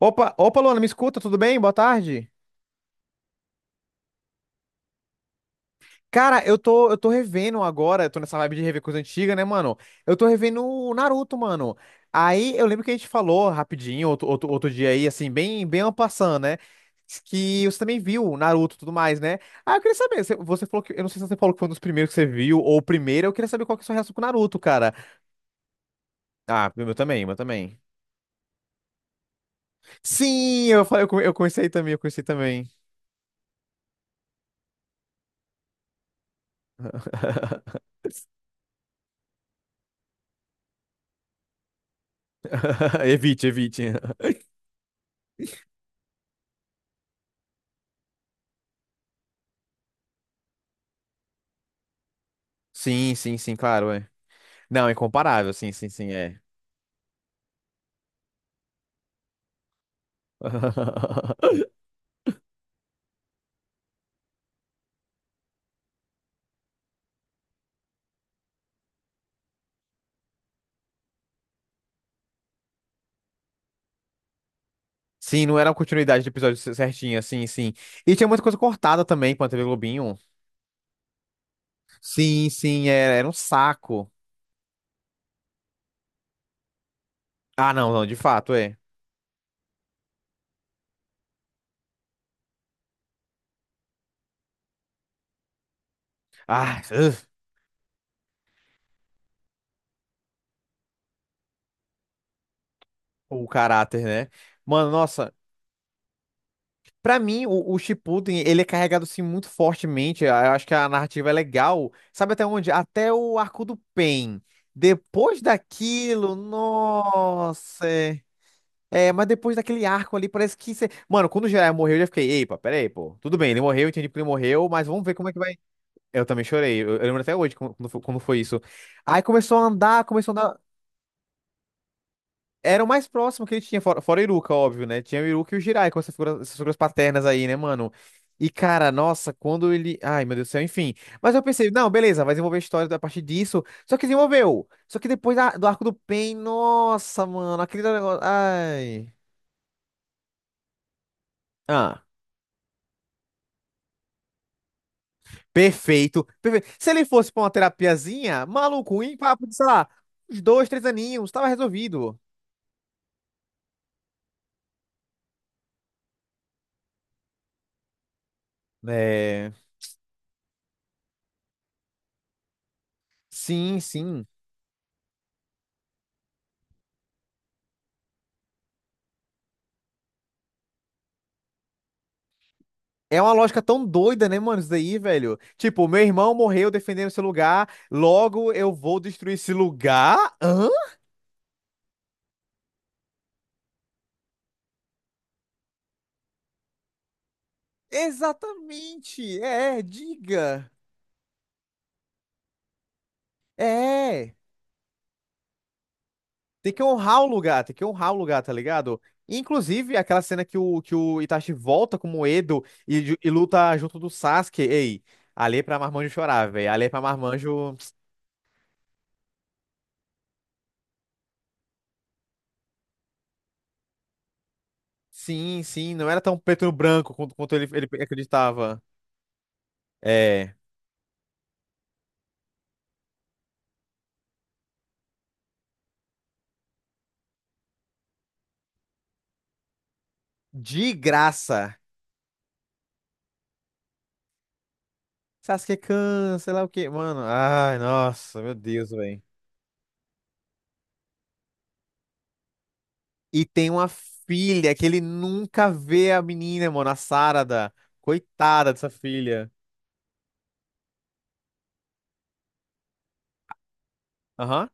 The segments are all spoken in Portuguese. Opa, opa, Luana, me escuta, tudo bem? Boa tarde. Cara, eu tô revendo agora, eu tô nessa vibe de rever coisa antiga, né, mano? Eu tô revendo o Naruto, mano. Aí eu lembro que a gente falou rapidinho, outro dia aí, assim, bem en passant, né? Que você também viu o Naruto e tudo mais, né? Eu queria saber, você falou que, eu não sei se você falou que foi um dos primeiros que você viu, ou o primeiro, eu queria saber qual que é a sua reação com o Naruto, cara. Ah, o meu também, o meu também. Sim, eu falei, eu, eu comecei também, eu comecei também. Evite, evite. Sim, sim, sim, claro, é. Não, incomparável, sim, sim, sim, é. Sim, não era uma continuidade do episódio certinho, sim, sim. E tinha muita coisa cortada também pra TV Globinho. Sim, sim, era, era um saco. Ah, não, não, de fato, é. Ah, ugh, o caráter, né? Mano, nossa, pra mim, o Shippuden, ele é carregado, assim, muito fortemente. Ah, eu acho que a narrativa é legal. Sabe até onde? Até o arco do Pain. Depois daquilo, nossa. É. É, mas depois daquele arco ali, parece que você. Mano, quando o Jiraiya morreu, eu já fiquei, epa, peraí, pô. Tudo bem, ele morreu, entendi que ele morreu, mas vamos ver como é que vai. Eu também chorei, eu lembro até hoje como, como foi isso. Aí começou a andar, começou a andar. Era o mais próximo que ele tinha, fora, fora o Iruka, óbvio, né? Tinha o Iruka e o Jiraiya com essas figuras paternas aí, né, mano? E, cara, nossa, quando ele. Ai, meu Deus do céu, enfim. Mas eu pensei, não, beleza, vai desenvolver a história a partir disso. Só que desenvolveu. Só que depois do arco do Pain, nossa, mano, aquele negócio. Ai. Perfeito, perfeito. Se ele fosse pra uma terapiazinha, maluco, em papo de, sei lá, uns dois, três aninhos, tava resolvido. É. Sim, sim. É uma lógica tão doida, né, mano, isso daí, velho? Tipo, meu irmão morreu defendendo esse lugar, logo eu vou destruir esse lugar? Hã? Exatamente. É, diga. É. Tem que honrar o lugar, tem que honrar o lugar, tá ligado? Inclusive, aquela cena que o Itachi volta com o Edo e, e luta junto do Sasuke. Ei, ali é pra Marmanjo chorar, velho. Ali é pra Marmanjo. Sim, sim, não era tão preto no branco quanto, quanto ele, ele acreditava. É. De graça. Sasuke-kun, sei lá o quê. Mano, ai, nossa, meu Deus, velho. E tem uma filha que ele nunca vê a menina, mano, a Sarada. Coitada dessa filha. Aham.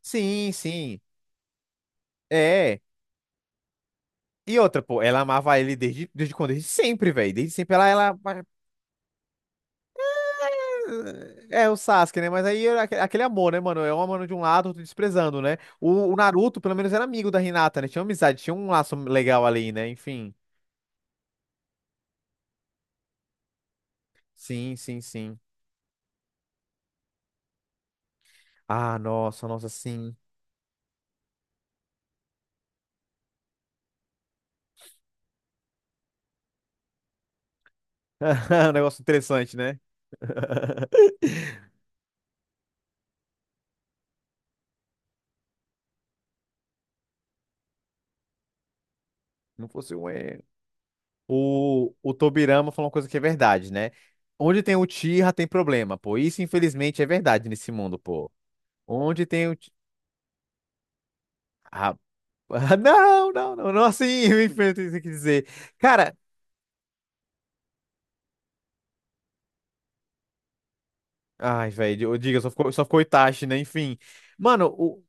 Sim, sim. É. E outra, pô, ela amava ele desde, desde quando? Desde sempre, velho. Desde sempre ela, ela. É o Sasuke, né? Mas aí era aquele amor, né, mano? É um amor de um lado, outro desprezando, né? O Naruto, pelo menos, era amigo da Hinata, né? Tinha amizade, tinha um laço legal ali, né? Enfim. Sim, sim, sim. Ah, nossa, nossa, sim. Um negócio interessante, né? Não fosse um erro. O Tobirama falou uma coisa que é verdade, né? Onde tem o Uchiha tem problema, pô. Isso, infelizmente, é verdade nesse mundo, pô. Onde tem o. Ah, Ah, não, não, não, não assim, enfim, tem que dizer. Cara, ai, velho, diga, só ficou Itachi, né? Enfim. Mano, o,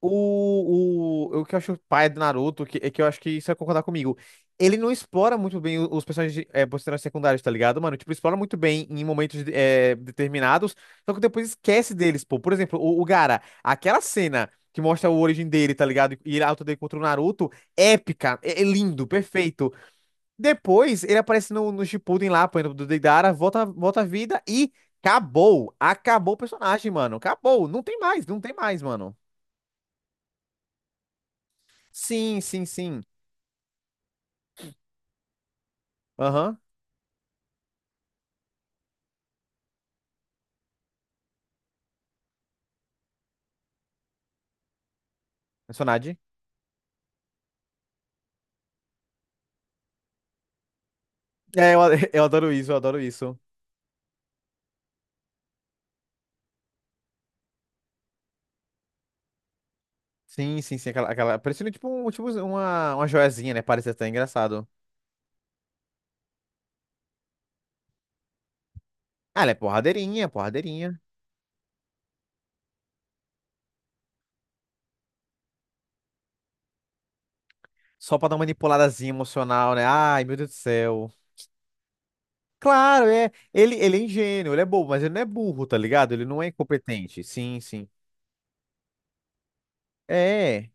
o, o, o que eu acho o pai do Naruto, que, é que eu acho que isso vai concordar comigo. Ele não explora muito bem os personagens, é, personagens secundários, tá ligado, mano? Tipo, explora muito bem em momentos é, determinados, só que depois esquece deles, pô. Por exemplo, o Gaara, aquela cena que mostra a origem dele, tá ligado? E a luta dele contra o Naruto, épica, é é lindo, perfeito. Depois ele aparece no Shippuden lá, apanhando do Deidara, volta, volta à vida e acabou. Acabou o personagem, mano. Acabou. Não tem mais, não tem mais, mano. Sim, sim, sim. Aham. Personagem. É, eu, eu adoro isso, eu adoro isso. Sim, sim, sim. Aquela, aquela parecendo tipo, um, tipo uma joiazinha, né? Parece até engraçado. Ah, ela é porradeirinha, porradeirinha. Só pra dar uma manipuladazinha emocional, né? Ai, meu Deus do céu. Claro, é. Ele é ingênuo, ele é bobo, mas ele não é burro, tá ligado? Ele não é incompetente. Sim, sim. É.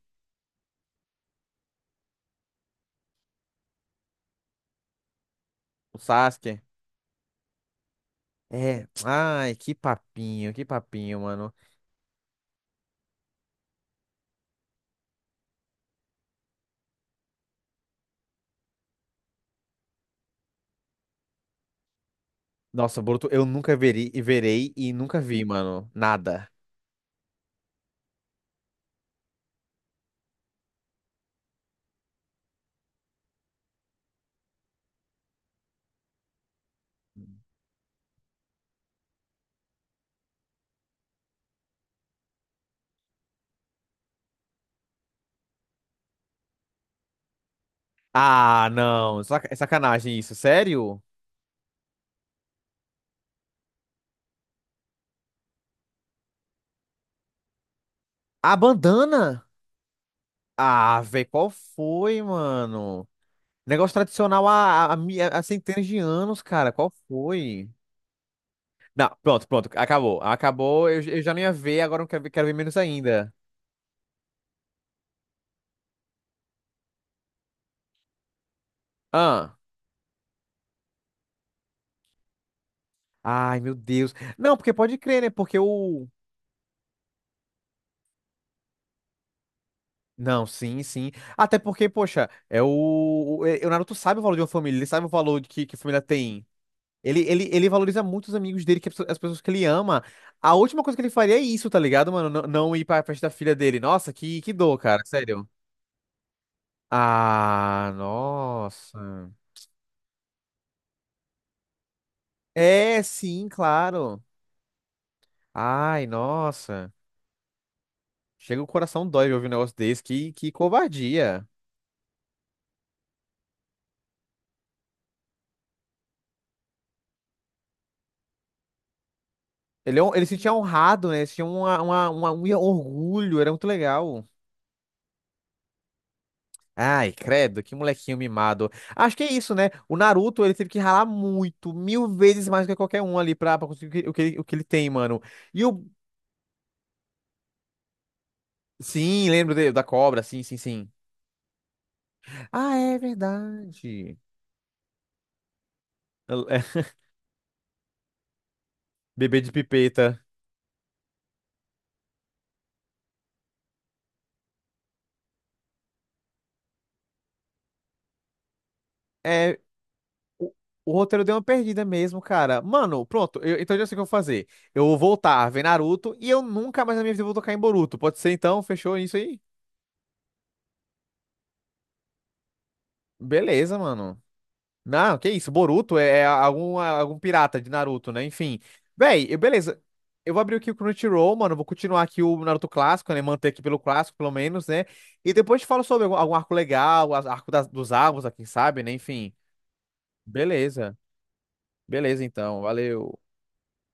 O Sasuke. É. Ai, que papinho, mano. Nossa, Boruto, eu nunca veri, verei e nunca vi, mano. Nada. Ah, não. É sacanagem isso, sério? A bandana? Ah, velho, qual foi, mano? Negócio tradicional há há centenas de anos, cara. Qual foi? Não, pronto, pronto. Acabou. Acabou. Eu já não ia ver, agora eu quero ver menos ainda. Ah. Ai, meu Deus. Não, porque pode crer, né? Porque o. Não, sim, sim. Até porque, poxa, é o, o Naruto sabe o valor de uma família, ele sabe o valor de que a família tem. Ele valoriza muito os amigos dele, que é as pessoas que ele ama. A última coisa que ele faria é isso, tá ligado, mano? Não, não ir pra festa da filha dele. Nossa, que dor, cara, sério. Ah, nossa. É, sim, claro. Ai, nossa. Chega o coração dói de ouvir um negócio desse. Que covardia. Ele, ele se sentia honrado, né? Ele se tinha uma, um orgulho, era muito legal. Ai, credo, que molequinho mimado. Acho que é isso, né? O Naruto, ele teve que ralar muito, mil vezes mais do que qualquer um ali pra, pra conseguir o que ele tem, mano. E o. Sim, lembro da cobra, sim, sim, sim. Ah, é verdade. É, bebê de pipeta. É. O o roteiro deu uma perdida mesmo, cara. Mano, pronto. Então eu já sei o que eu vou fazer. Eu vou voltar a ver Naruto e eu nunca mais na minha vida vou tocar em Boruto. Pode ser então? Fechou isso aí? Beleza, mano. Não, que isso, Boruto é algum, algum pirata de Naruto, né? Enfim. Véi, beleza. Eu vou abrir aqui o Crunchyroll, mano. Vou continuar aqui o Naruto clássico, né? Manter aqui pelo clássico, pelo menos, né? E depois te falo sobre algum, algum arco legal, arco das, dos árvores, quem sabe, né? Enfim. Beleza. Beleza, então. Valeu.